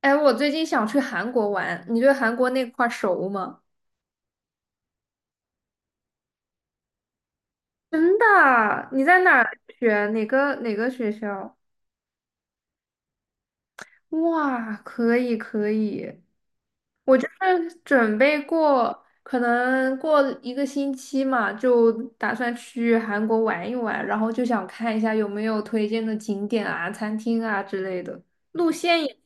哎，我最近想去韩国玩，你对韩国那块儿熟吗？真的啊你在哪儿学？哪个学校？哇，可以可以，是准备过，可能过一个星期嘛，就打算去韩国玩一玩，然后就想看一下有没有推荐的景点啊、餐厅啊之类的。路线也，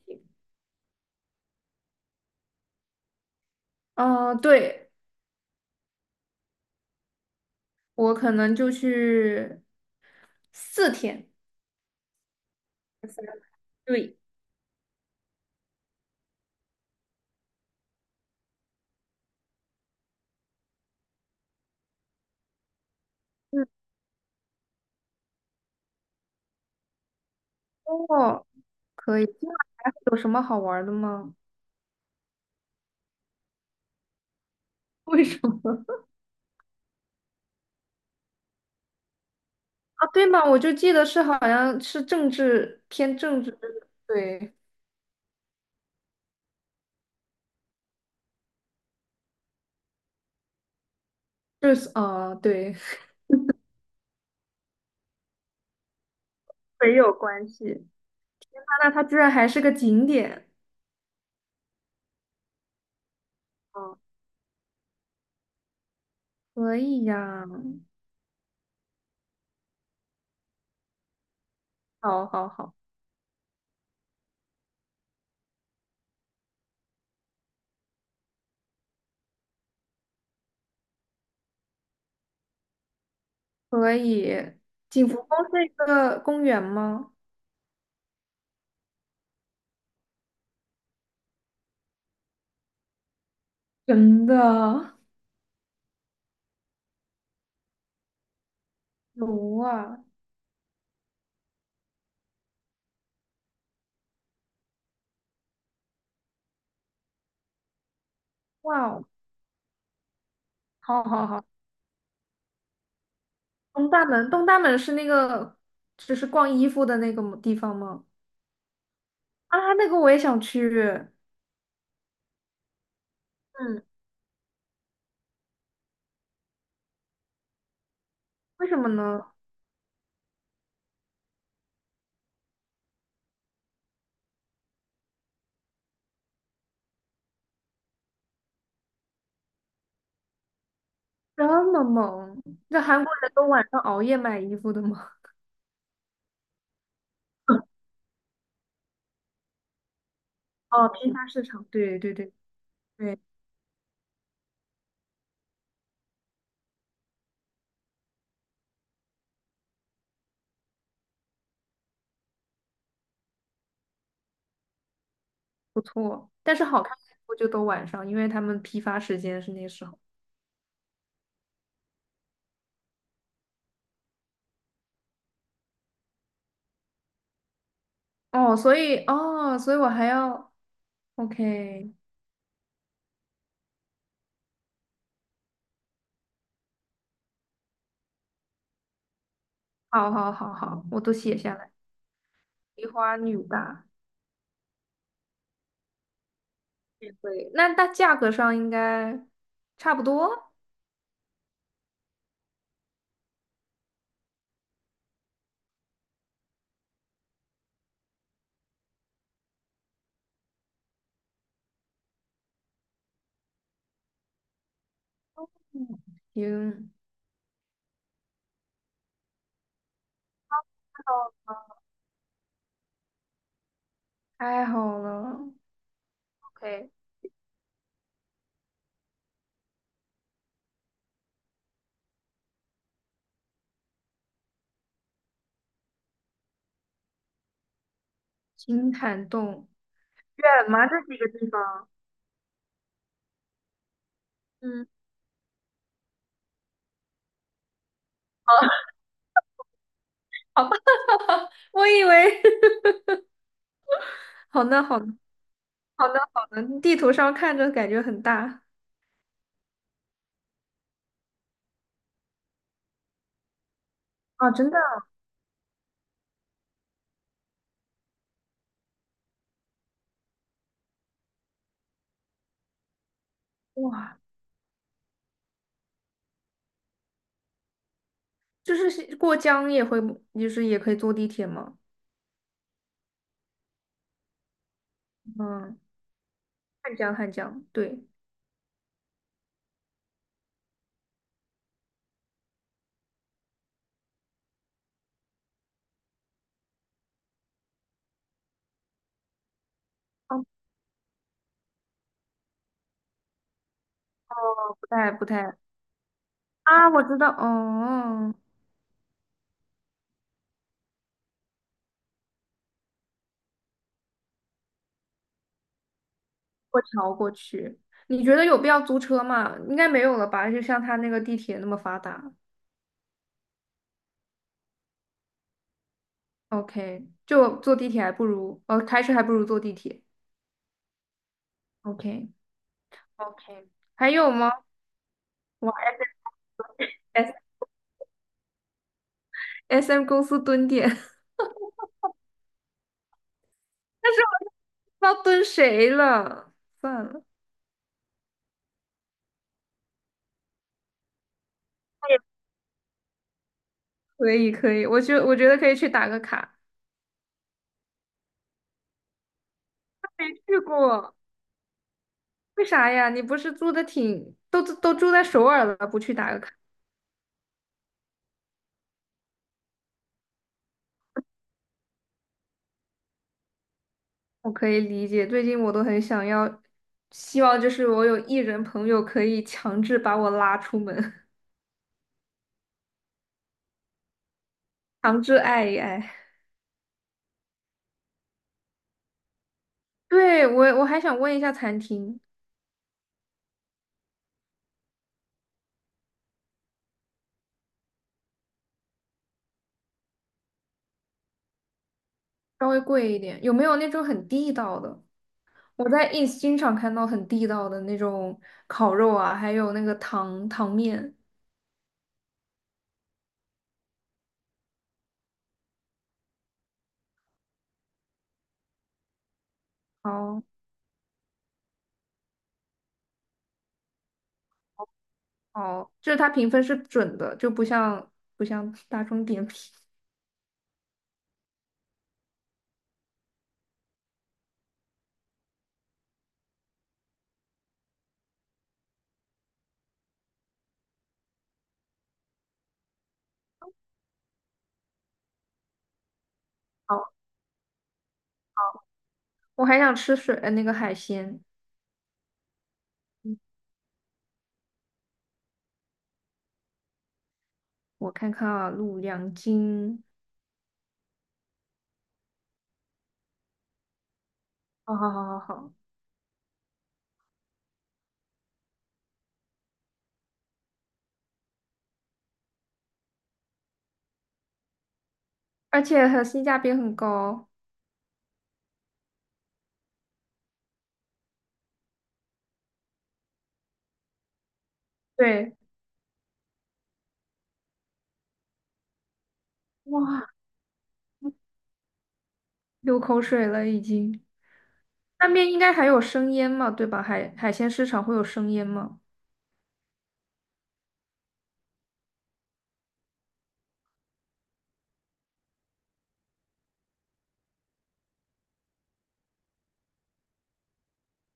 嗯、对，我可能就去4天。对。嗯。哦，可以。今晚还会有什么好玩儿的吗？为什么？啊，对嘛，我就记得是好像是政治偏政治，对，就是啊、对，没有关系。那它居然还是个景点，哦，可以呀，好好好，可以。景福宫是一个公园吗？真的？有啊，哇哦，好好好。东大门，东大门是那个就是逛衣服的那个地方吗？啊，那个我也想去，嗯，为什么呢？这么猛，那韩国人都晚上熬夜买衣服的吗？哦，批发市场，对对对对，不错。但是好看的衣服就都晚上，因为他们批发时间是那时候。哦，所以哦，所以我还要 OK，好好好好，我都写下来。梨花女大也会，那它价格上应该差不多。嗯，行，太好了。OK，金坦洞。远吗？这几个地方？嗯，好，好吧，我以为 好的，好的，好的，好的，地图上看着感觉很大啊，真的哇，就是是过江也会，就是也可以坐地铁吗？嗯，汉江，汉江，对，哦，不太啊，我知道，哦，过桥过去，你觉得有必要租车吗？应该没有了吧？就像他那个地铁那么发达，OK，就坐地铁还不如，哦，开车还不如坐地铁，OK。OK，还有吗？哇，SSM 公司蹲点，但是我不知道蹲谁了，算了，可以可以，我觉得可以去打个卡，没去过，为啥呀？你不是住的挺，都住在首尔了，不去打个卡，我可以理解。最近我都很想要，希望就是我有艺人朋友可以强制把我拉出门，强制爱一爱。对，我还想问一下餐厅，稍微贵一点，有没有那种很地道的？我在 ins 经常看到很地道的那种烤肉啊，还有那个糖糖面。哦哦，就是它评分是准的，就不像大众点评。哦。我还想吃水，那个海鲜。我看看啊，陆两斤。好好好好好，而且很性价比很高。对，哇，流口水了已经。那边应该还有生腌嘛，对吧？海鲜市场会有生腌吗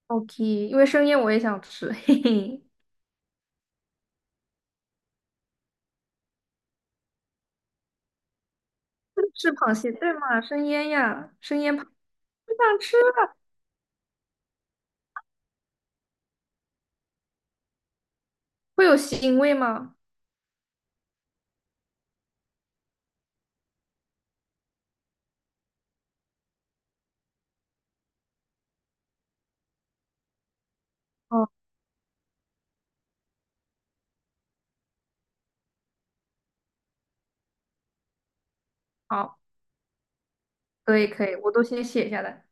？OK，因为生腌我也想吃，嘿嘿。是螃蟹，对嘛？生腌呀，生腌螃，不想吃了，会有腥味吗？哦，好，可以可以，我都先写下来。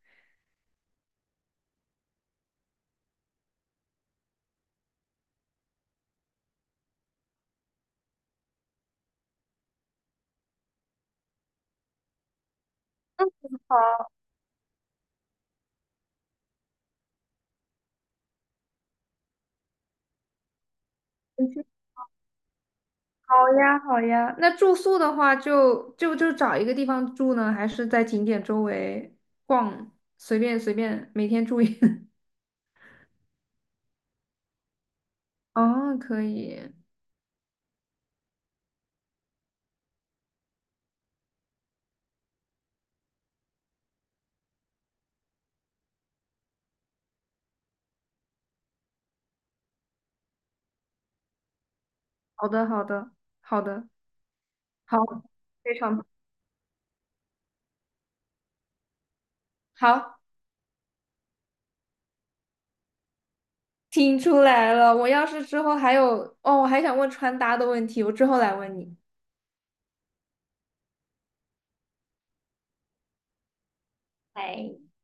好，好呀好呀。那住宿的话就，就找一个地方住呢，还是在景点周围逛，随便随便，每天住一。哦，可以，好的好的好的好，非常好，听出来了。我要是之后还有，哦，我还想问穿搭的问题，我之后来问你。拜。